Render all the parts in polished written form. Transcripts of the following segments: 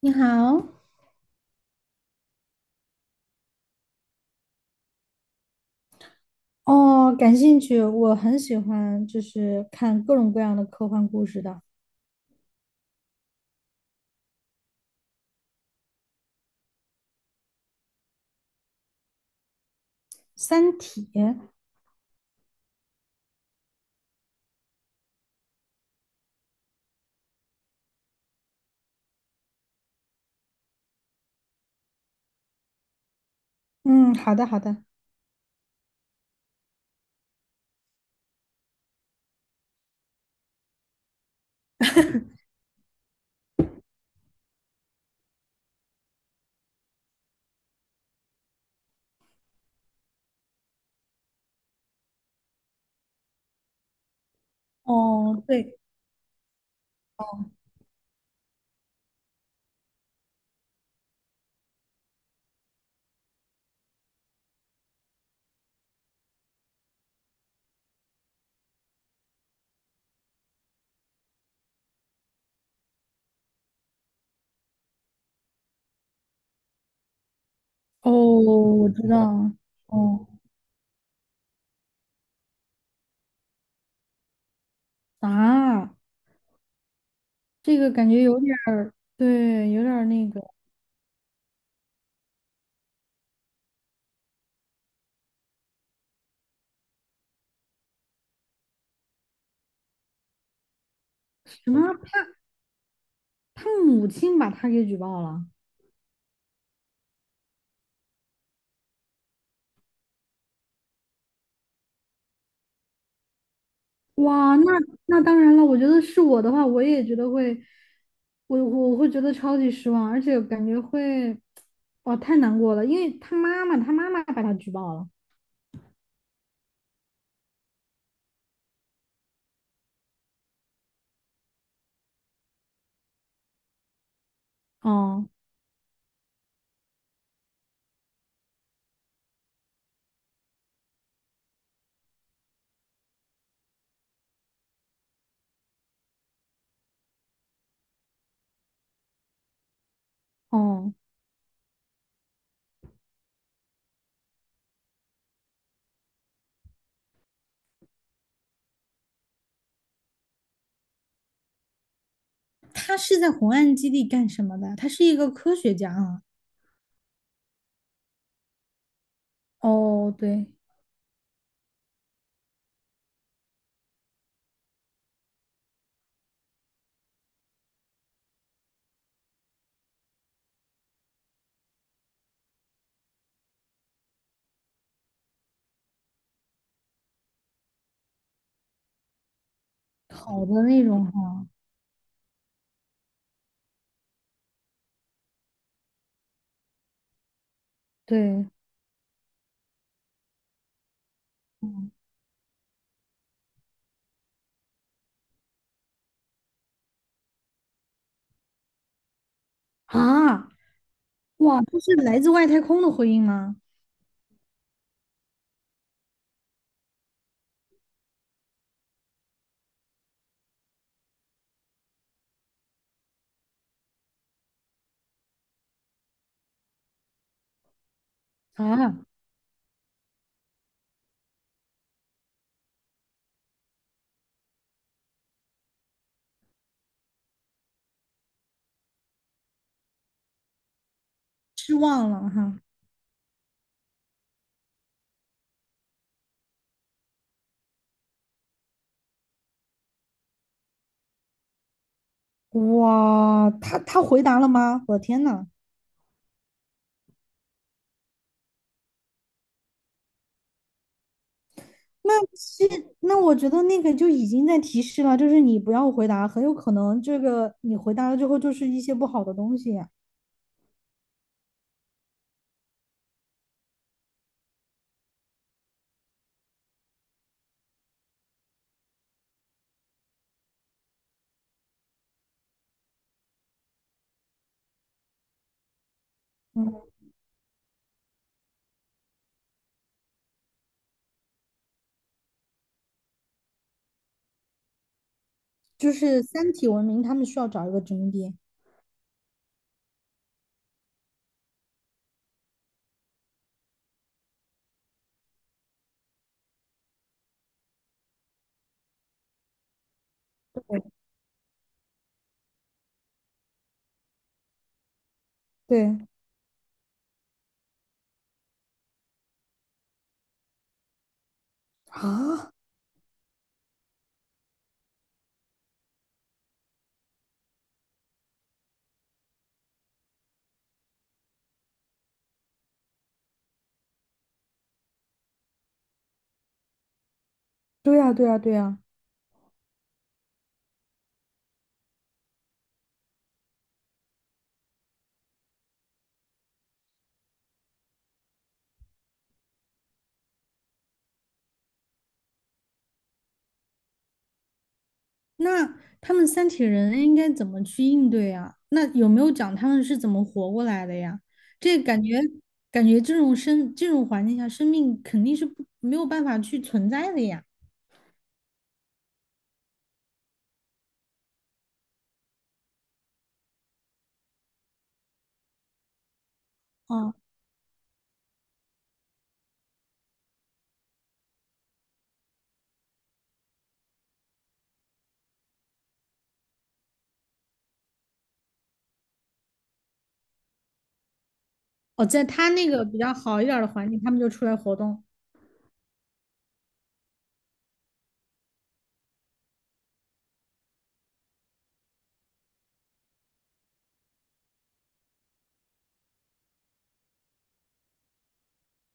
你好。哦，感兴趣，我很喜欢，就是看各种各样的科幻故事的。《三体》。嗯，好的，好的。哦，对。哦。哦，我知道。哦。啊，这个感觉有点儿，对，有点儿那个什么，他他母亲把他给举报了。哇，那那当然了，我觉得是我的话，我也觉得会，我会觉得超级失望，而且感觉会，哇，太难过了，因为他妈妈，他妈妈把他举报了。哦。哦，他是在红岸基地干什么的？他是一个科学家啊。哦，对。好的那种哈。对。嗯。啊，哇，这是来自外太空的回应吗？啊，失望了哈。哇，他回答了吗？我的天呐！那是，那我觉得那个就已经在提示了，就是你不要回答，很有可能这个你回答了之后就是一些不好的东西。嗯，就是三体文明，他们需要找一个殖民地。对啊。对呀，对呀，对呀。那他们三体人应该怎么去应对啊？那有没有讲他们是怎么活过来的呀？这感觉，感觉这种生这种环境下，生命肯定是不没有办法去存在的呀。啊。哦，在他那个比较好一点儿的环境，他们就出来活动。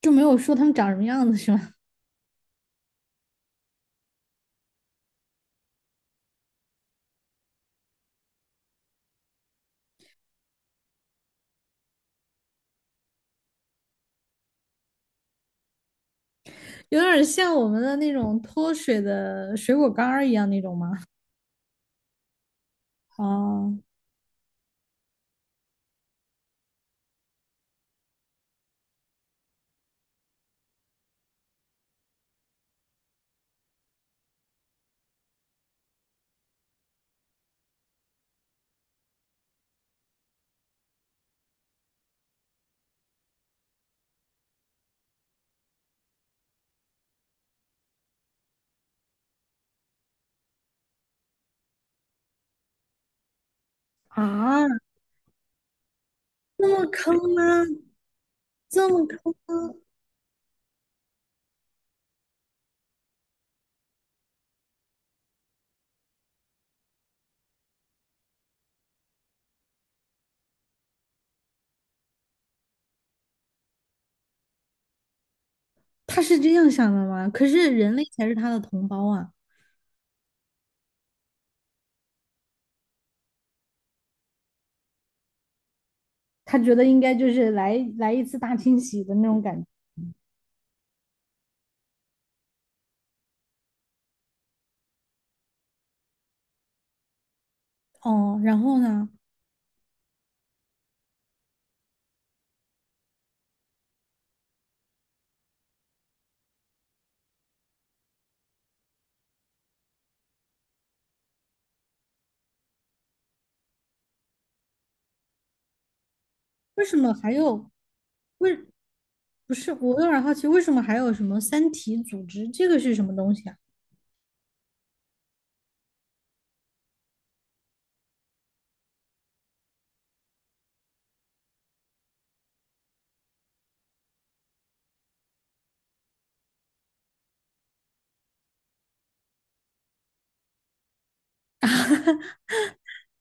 就没有说他们长什么样子，是吧？有点儿像我们的那种脱水的水果干儿一样那种吗？哦。啊，那么坑吗？这么坑吗？他是这样想的吗？可是人类才是他的同胞啊。他觉得应该就是来来一次大清洗的那种感觉。哦，然后呢？为什么还有，为不是？我有点儿好奇，为什么还有什么三体组织？这个是什么东西啊？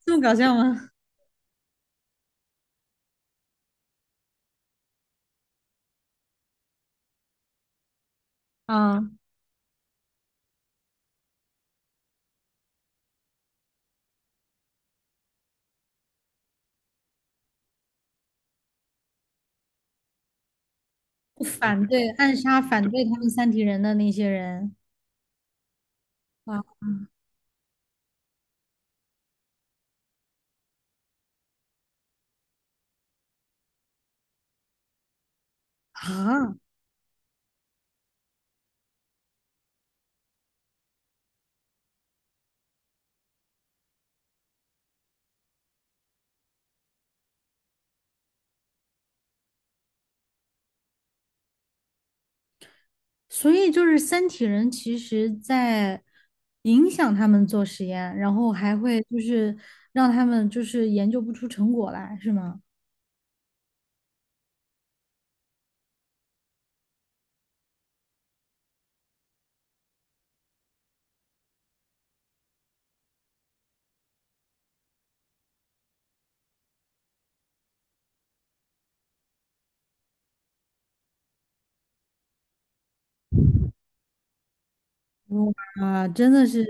这么搞笑吗？啊，反对暗杀反对他们三体人的那些人。啊。啊！所以就是三体人其实在影响他们做实验，然后还会就是让他们就是研究不出成果来，是吗？哇，真的是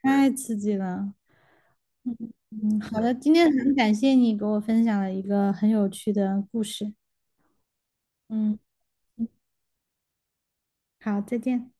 太刺激了。嗯，好的，今天很感谢你给我分享了一个很有趣的故事。嗯。好，再见。